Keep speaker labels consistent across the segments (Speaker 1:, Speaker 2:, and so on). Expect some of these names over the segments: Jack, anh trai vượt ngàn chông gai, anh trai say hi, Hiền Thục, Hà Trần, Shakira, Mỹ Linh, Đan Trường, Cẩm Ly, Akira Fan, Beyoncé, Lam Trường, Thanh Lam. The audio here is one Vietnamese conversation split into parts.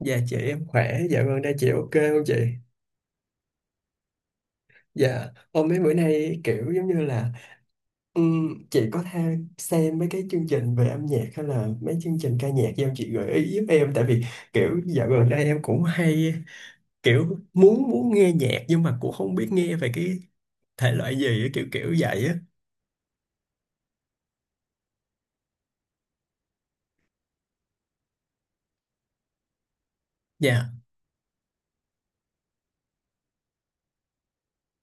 Speaker 1: Dạ chị em khỏe, dạ vâng đây chị ok không chị? Dạ, hôm mấy bữa nay kiểu giống như là chị có theo xem mấy cái chương trình về âm nhạc hay là mấy chương trình ca nhạc do chị gợi ý giúp em, tại vì kiểu dạo gần đây em cũng hay kiểu muốn muốn nghe nhạc nhưng mà cũng không biết nghe về cái thể loại gì á, kiểu kiểu vậy á. Dạ,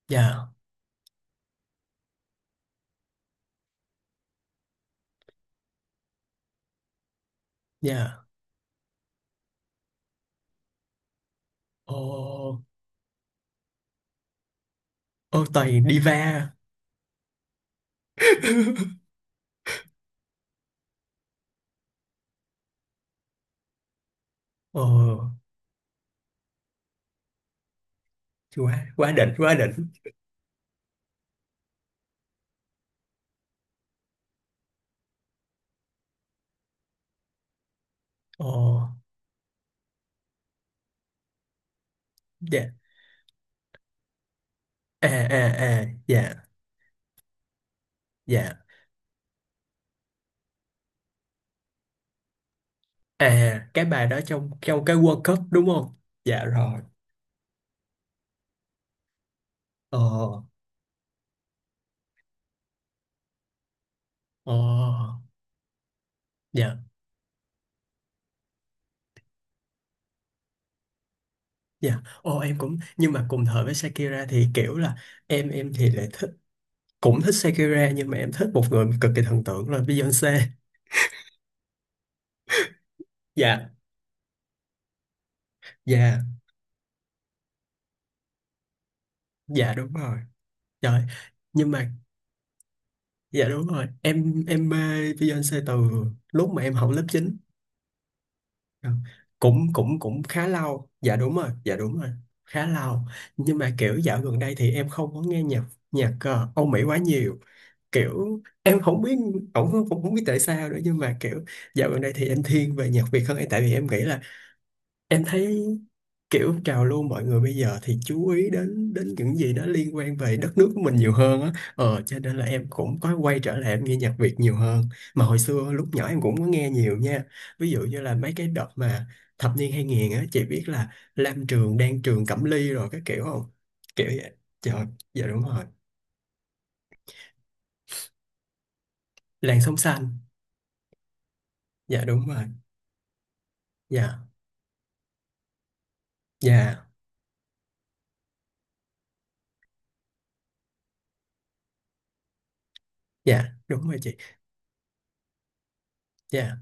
Speaker 1: dạ, dạ. Ồ, ô toàn diva. Ồ, quá quá đỉnh, quá đỉnh. Ồ, dạ. À à à, dạ. Dạ. À, cái bài đó trong trong cái World Cup đúng không? Dạ rồi. Ờ. Ờ. Dạ. Dạ. Ồ em cũng nhưng mà cùng thời với Shakira thì kiểu là em thì lại thích, cũng thích Shakira nhưng mà em thích một người cực kỳ thần tượng là Beyoncé. Dạ. Dạ. Dạ đúng rồi. Trời. Nhưng mà dạ đúng rồi. Em mê Beyoncé từ lúc mà em học lớp chín. Ờ, cũng cũng cũng khá lâu, dạ đúng rồi, dạ đúng rồi, khá lâu, nhưng mà kiểu dạo gần đây thì em không có nghe nhạc nhạc Âu Mỹ quá nhiều, kiểu em không biết, cũng không, không biết tại sao nữa nhưng mà kiểu dạo gần đây thì em thiên về nhạc Việt hơn, tại vì em nghĩ là em thấy kiểu trào lưu mọi người bây giờ thì chú ý đến đến những gì đó liên quan về đất nước của mình nhiều hơn á, ờ cho nên là em cũng có quay trở lại em nghe nhạc Việt nhiều hơn, mà hồi xưa lúc nhỏ em cũng có nghe nhiều nha, ví dụ như là mấy cái đợt mà thập niên 2000 á, chị biết là Lam Trường, Đan Trường, Cẩm Ly rồi các kiểu không, kiểu vậy, dạ, dạ đúng rồi, làn sóng xanh, dạ đúng rồi, dạ, dạ, dạ đúng rồi chị, dạ.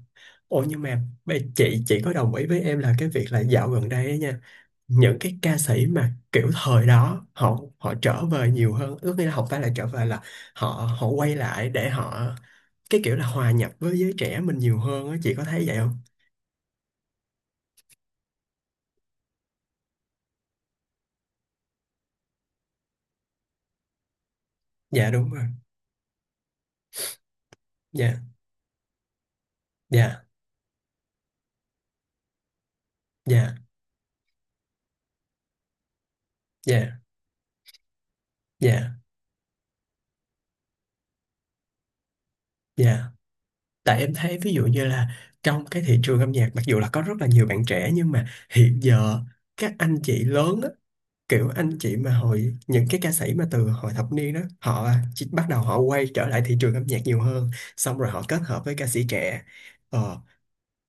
Speaker 1: Ồ nhưng mà chị có đồng ý với em là cái việc là dạo gần đây á nha, những cái ca sĩ mà kiểu thời đó họ họ trở về nhiều hơn, ước nghĩa là không phải là trở về là họ họ quay lại để họ, cái kiểu là hòa nhập với giới trẻ mình nhiều hơn á, chị có thấy vậy không? Dạ đúng rồi, dạ, dạ, dạ, dạ, dạ, dạ, tại em thấy ví dụ như là trong cái thị trường âm nhạc, mặc dù là có rất là nhiều bạn trẻ nhưng mà hiện giờ các anh chị lớn á, kiểu anh chị mà hồi những cái ca sĩ mà từ hồi thập niên đó, họ chỉ bắt đầu họ quay trở lại thị trường âm nhạc nhiều hơn, xong rồi họ kết hợp với ca sĩ trẻ. Ờ,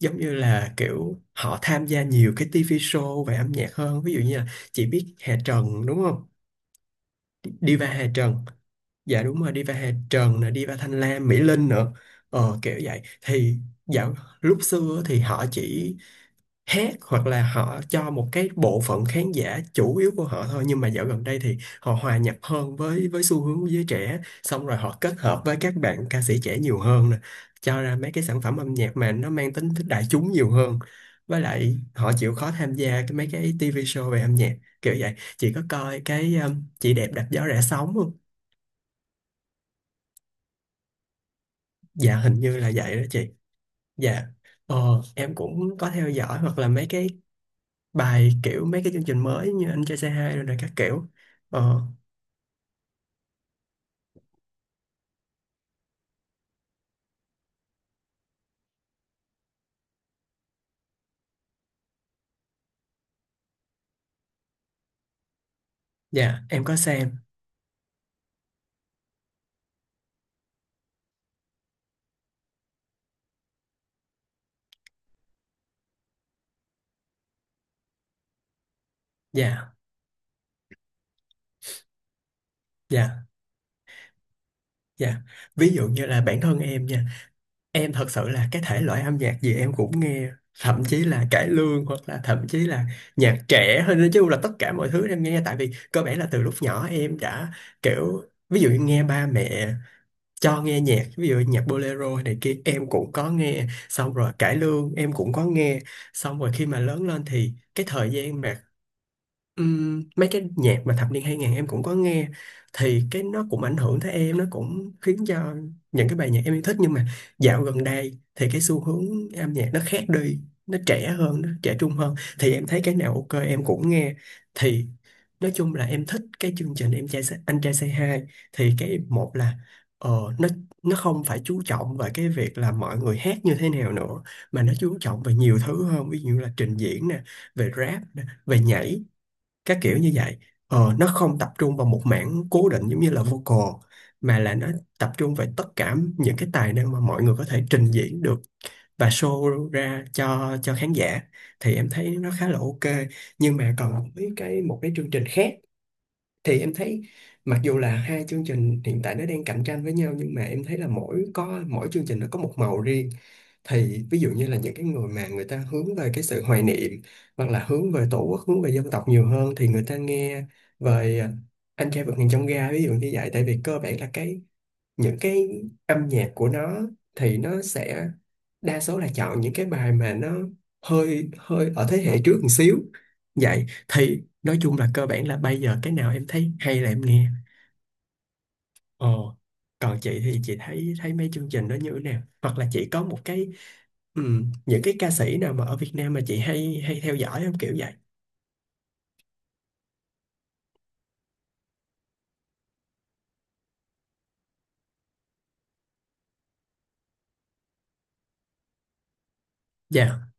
Speaker 1: giống như là kiểu họ tham gia nhiều cái TV show về âm nhạc hơn, ví dụ như là chị biết Hà Trần đúng không, Diva Hà Trần, dạ đúng rồi, Diva Hà Trần nè, Diva Thanh Lam, Mỹ Linh nữa, ờ, kiểu vậy thì dạo lúc xưa thì họ chỉ hát hoặc là họ cho một cái bộ phận khán giả chủ yếu của họ thôi, nhưng mà dạo gần đây thì họ hòa nhập hơn với xu hướng của giới trẻ, xong rồi họ kết hợp với các bạn ca sĩ trẻ nhiều hơn nè, cho ra mấy cái sản phẩm âm nhạc mà nó mang tính thích đại chúng nhiều hơn, với lại họ chịu khó tham gia cái mấy cái TV show về âm nhạc, kiểu vậy. Chị có coi cái chị đẹp đạp gió rẽ sóng không? Dạ hình như là vậy đó chị. Dạ, ờ em cũng có theo dõi hoặc là mấy cái bài kiểu mấy cái chương trình mới như anh trai say hi rồi, rồi các kiểu, ờ dạ em có xem. Dạ, dạ, dạ, ví dụ như là bản thân em nha, em thật sự là cái thể loại âm nhạc gì em cũng nghe, thậm chí là cải lương hoặc là thậm chí là nhạc trẻ hơn, nói chung là tất cả mọi thứ em nghe, tại vì cơ bản là từ lúc nhỏ em đã kiểu ví dụ như nghe ba mẹ cho nghe nhạc, ví dụ nhạc bolero này kia em cũng có nghe, xong rồi cải lương em cũng có nghe, xong rồi khi mà lớn lên thì cái thời gian mà mấy cái nhạc mà thập niên 2000 em cũng có nghe, thì cái nó cũng ảnh hưởng tới em, nó cũng khiến cho những cái bài nhạc em yêu thích, nhưng mà dạo gần đây thì cái xu hướng âm nhạc nó khác đi, nó trẻ hơn, nó trẻ trung hơn, thì em thấy cái nào ok em cũng nghe, thì nói chung là em thích cái chương trình anh trai Say Hi, thì cái một là ờ, nó nó không phải chú trọng về cái việc là mọi người hát như thế nào nữa, mà nó chú trọng về nhiều thứ hơn, ví dụ như là trình diễn nè, về rap nè, về nhảy, các kiểu như vậy. Ờ, nó không tập trung vào một mảng cố định giống như là vocal, mà là nó tập trung về tất cả những cái tài năng mà mọi người có thể trình diễn được và show ra cho khán giả, thì em thấy nó khá là ok. Nhưng mà còn với cái một cái chương trình khác thì em thấy mặc dù là hai chương trình hiện tại nó đang cạnh tranh với nhau, nhưng mà em thấy là mỗi có mỗi chương trình nó có một màu riêng, thì ví dụ như là những cái người mà người ta hướng về cái sự hoài niệm hoặc là hướng về tổ quốc, hướng về dân tộc nhiều hơn thì người ta nghe về anh trai vượt ngàn chông gai, ví dụ như vậy, tại vì cơ bản là cái những cái âm nhạc của nó thì nó sẽ đa số là chọn những cái bài mà nó hơi hơi ở thế hệ trước một xíu, vậy thì nói chung là cơ bản là bây giờ cái nào em thấy hay là em nghe. Ồ, còn chị thì chị thấy thấy mấy chương trình đó như thế nào, hoặc là chị có một cái những cái ca sĩ nào mà ở Việt Nam mà chị hay hay theo dõi không, kiểu vậy? Dạ,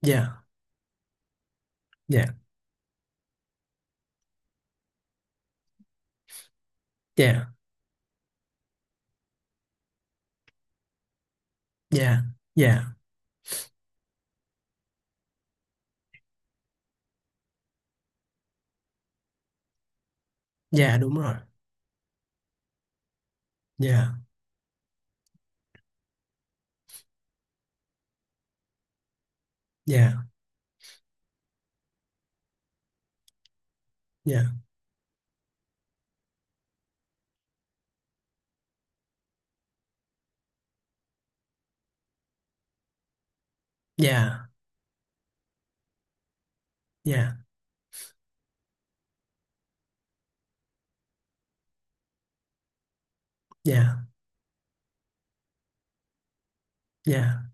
Speaker 1: dạ, dạ, dạ, dạ, dạ, dạ đúng rồi, dạ, dạ, dạ, dạ, dạ, dạ. Dạ,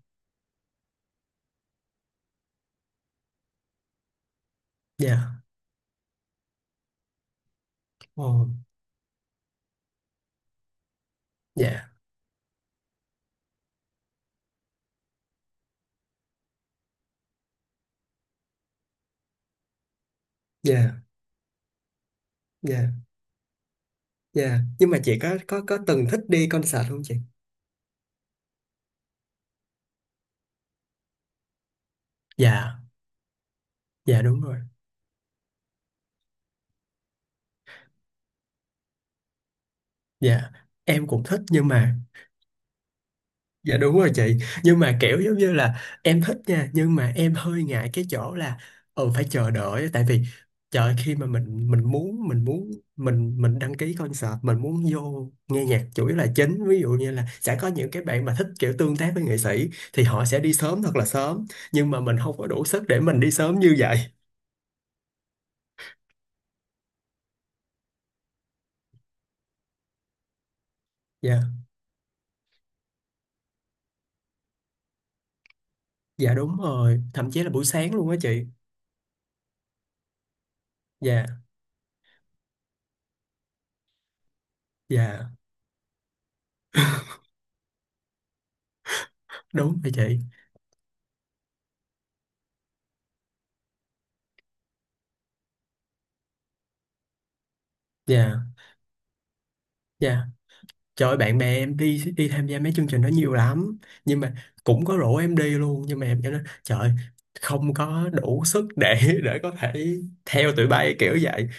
Speaker 1: dạ, ồ, dạ, dạ, dạ, dạ, nhưng mà chị có từng thích đi concert không chị? Dạ, dạ đúng rồi, dạ, em cũng thích nhưng mà dạ đúng rồi chị. Nhưng mà kiểu giống như là em thích nha, nhưng mà em hơi ngại cái chỗ là ừ phải chờ đợi, tại vì trời ơi, khi mà mình muốn, mình muốn mình đăng ký concert, mình muốn vô nghe nhạc chủ yếu là chính, ví dụ như là sẽ có những cái bạn mà thích kiểu tương tác với nghệ sĩ thì họ sẽ đi sớm thật là sớm, nhưng mà mình không có đủ sức để mình đi sớm như vậy. Dạ, dạ đúng rồi, thậm chí là buổi sáng luôn á chị. Dạ, dạ. Đúng rồi chị. Dạ, dạ. Trời ơi, bạn bè em đi đi tham gia mấy chương trình đó nhiều lắm, nhưng mà cũng có rủ em đi luôn nhưng mà em cho nó trời ơi, không có đủ sức để có thể theo tụi bay kiểu vậy.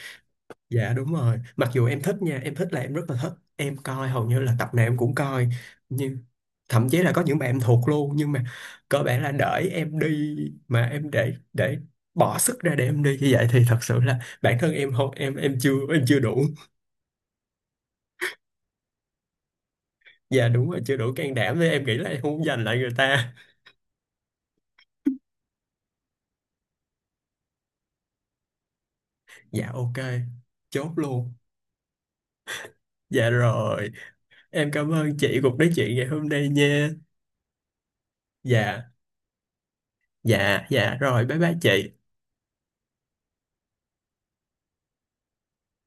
Speaker 1: Dạ đúng rồi, mặc dù em thích nha, em thích là em rất là thích, em coi hầu như là tập nào em cũng coi nhưng thậm chí là có những bạn em thuộc luôn, nhưng mà cơ bản là đợi em đi mà em để bỏ sức ra để em đi như vậy thì thật sự là bản thân em không, em chưa, em chưa đủ. Dạ đúng rồi chưa đủ can đảm, với em nghĩ là em không giành lại người ta. Dạ ok, chốt luôn. Dạ rồi, em cảm ơn chị cuộc nói chuyện ngày hôm nay nha. Dạ, dạ, dạ rồi, bye bye chị.